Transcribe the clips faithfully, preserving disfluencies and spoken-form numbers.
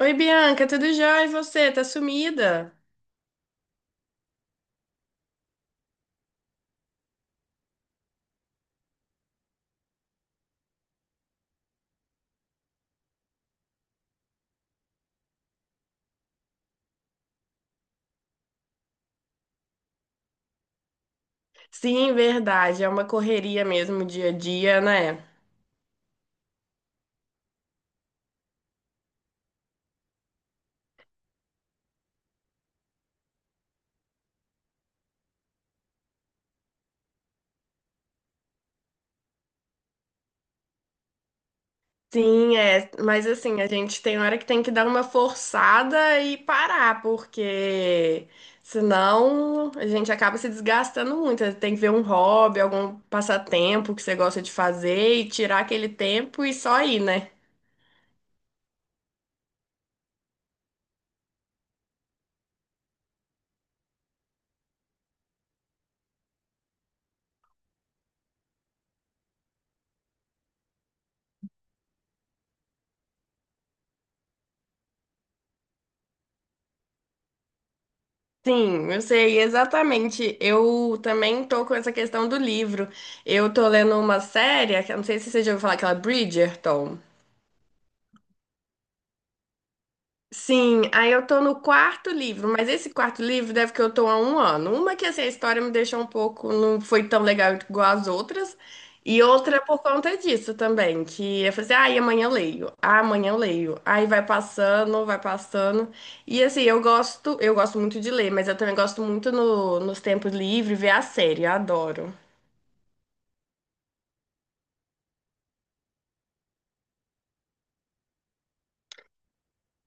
Oi, Bianca, tudo jóia? E você? Tá sumida? Sim, verdade. É uma correria mesmo dia a dia, né? Sim, é. Mas assim, a gente tem hora que tem que dar uma forçada e parar, porque senão a gente acaba se desgastando muito. Tem que ver um hobby, algum passatempo que você gosta de fazer e tirar aquele tempo e só ir, né? Sim, eu sei, exatamente. Eu também tô com essa questão do livro. Eu tô lendo uma série, que eu não sei se você já ouviu falar, aquela Bridgerton. Sim, aí eu tô no quarto livro, mas esse quarto livro deve que eu tô há um ano. Uma que assim, a história me deixou um pouco, não foi tão legal igual as outras, e outra é por conta disso também, que eu falei assim, ah, e amanhã eu leio, ah, amanhã eu leio. Aí vai passando, vai passando. E assim, eu gosto, eu gosto muito de ler, mas eu também gosto muito no, nos tempos livres ver a série, eu adoro.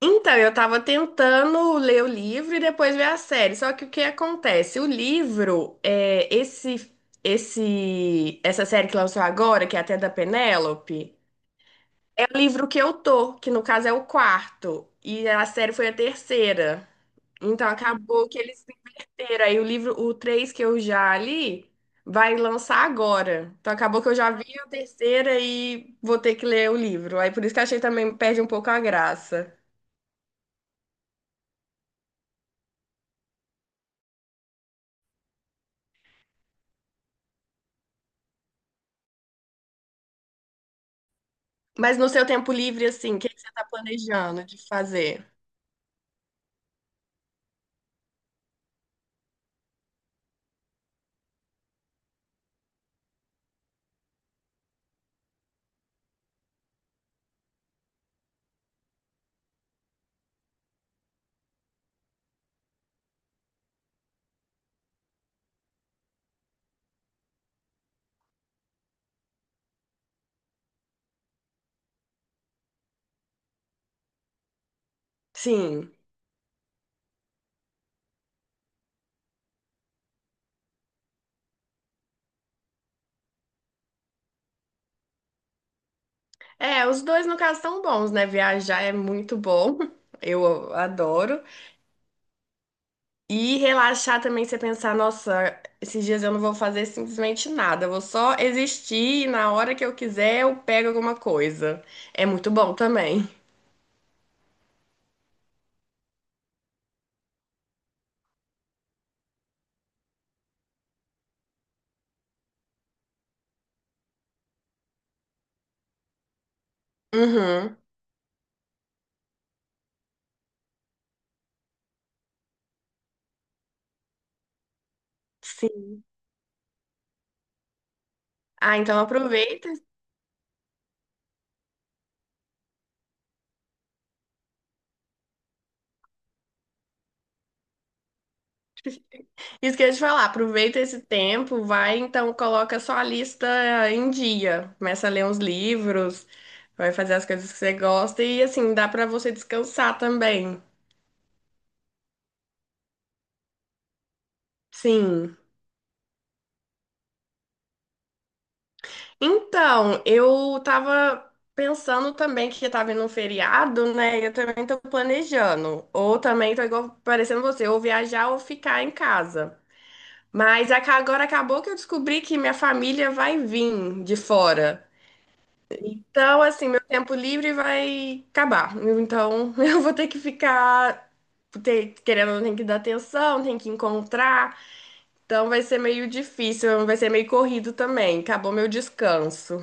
Então, eu tava tentando ler o livro e depois ver a série. Só que o que acontece? O livro, é, esse, esse, essa série que lançou agora, que é até da Penélope, é o livro que eu tô, que no caso é o quarto. E a série foi a terceira. Então acabou que eles se inverteram. Aí o livro, o três que eu já li, vai lançar agora. Então acabou que eu já vi a terceira e vou ter que ler o livro. Aí por isso que eu achei também perde um pouco a graça. Mas no seu tempo livre, assim, o que que você tá planejando de fazer? Sim. É, os dois, no caso, são bons, né? Viajar é muito bom. Eu adoro. E relaxar também, você pensar, nossa, esses dias eu não vou fazer simplesmente nada. Eu vou só existir e na hora que eu quiser eu pego alguma coisa. É muito bom também. Uhum. Sim. Ah, então aproveita. Isso que eu ia te falar, aproveita esse tempo, vai então, coloca sua lista em dia, começa a ler uns livros, vai fazer as coisas que você gosta e assim, dá pra você descansar também. Sim. Então, eu tava pensando também que tá vindo um feriado, né? Eu também tô planejando. Ou também tô igual parecendo você, ou viajar ou ficar em casa. Mas aca- agora acabou que eu descobri que minha família vai vir de fora. Então, assim, meu tempo livre vai acabar. Então, eu vou ter que ficar, ter- querendo, ou não, tem que dar atenção, tem que encontrar. Então, vai ser meio difícil, vai ser meio corrido também. Acabou meu descanso.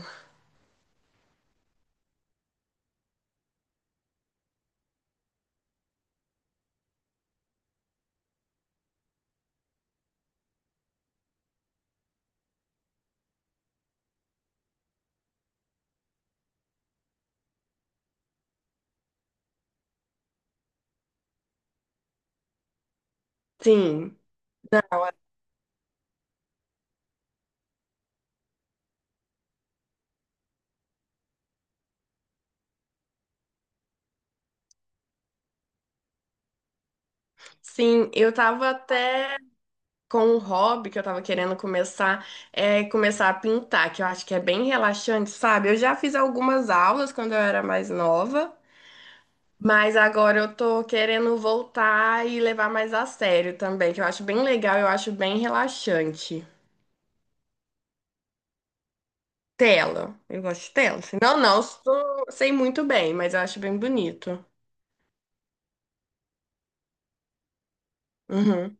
Sim. Sim, eu tava até com um hobby que eu tava querendo começar, é começar a pintar, que eu acho que é bem relaxante, sabe? Eu já fiz algumas aulas quando eu era mais nova. Mas agora eu tô querendo voltar e levar mais a sério também, que eu acho bem legal, eu acho bem relaxante. Tela. Eu gosto de tela. Assim. Não, não, eu sou- sei muito bem, mas eu acho bem bonito. Uhum.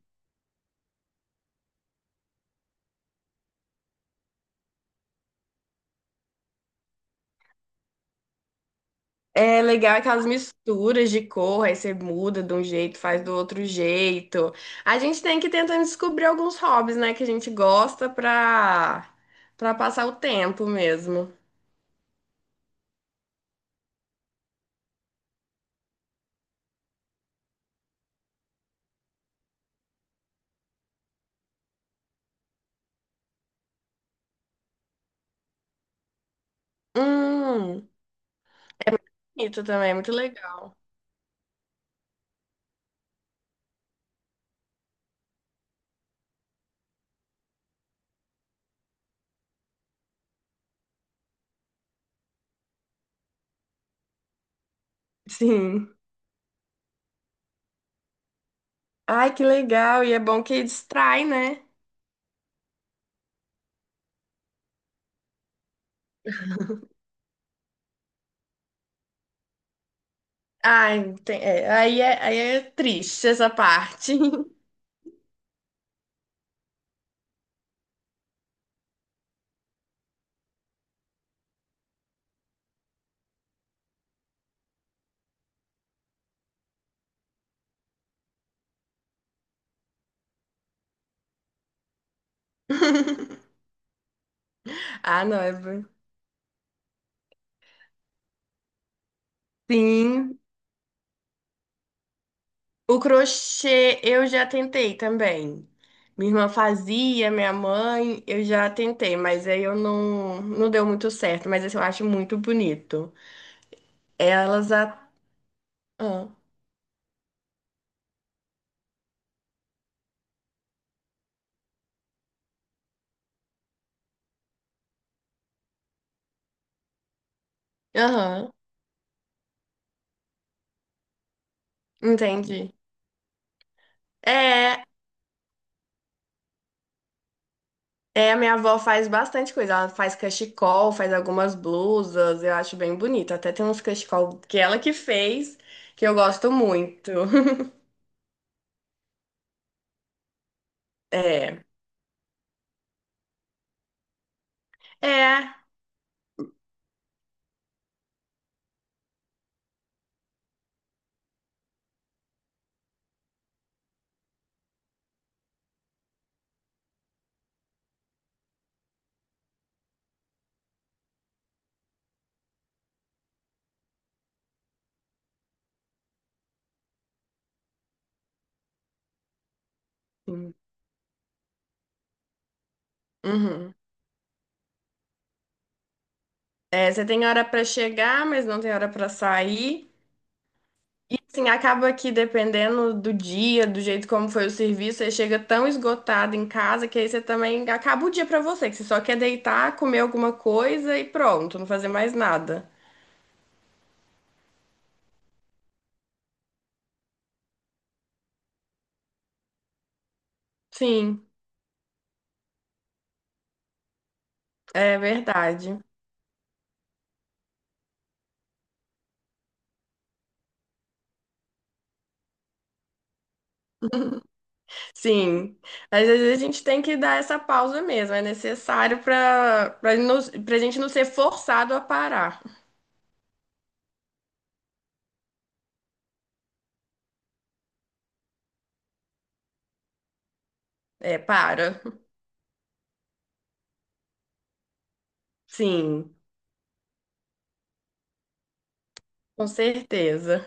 É legal aquelas misturas de cor, aí você muda de um jeito, faz do outro jeito. A gente tem que tentar descobrir alguns hobbies, né, que a gente gosta pra, pra passar o tempo mesmo. Hum, bonito também, é muito legal. Sim. Ai, que legal. E é bom que distrai, né? Ai, tem- é, aí, é, aí é triste essa parte. Ah, não, é bom. Sim. O crochê eu já tentei também. Minha irmã fazia, minha mãe, eu já tentei, mas aí eu não, não deu muito certo. Mas assim, eu acho muito bonito. Elas. A... ah. Aham, entendi. É. É, a minha avó faz bastante coisa. Ela faz cachecol, faz algumas blusas, eu acho bem bonito. Até tem uns cachecol que ela que fez, que eu gosto muito. É. É. Uhum. É, você tem hora pra chegar, mas não tem hora pra sair. Assim, acaba que dependendo do dia, do jeito como foi o serviço, você chega tão esgotado em casa que aí você também acaba o dia pra você, que você só quer deitar, comer alguma coisa e pronto, não fazer mais nada. Sim, é verdade. Sim, mas às vezes a gente tem que dar essa pausa mesmo, é necessário para para para a gente não ser forçado a parar. É, para. Sim, com certeza.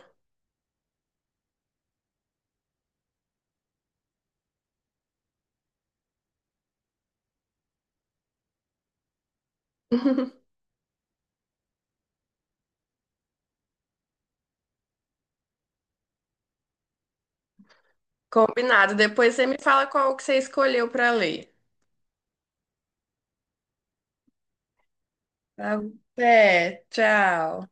Combinado. Depois você me fala qual que você escolheu para ler. Tá? Até, tchau.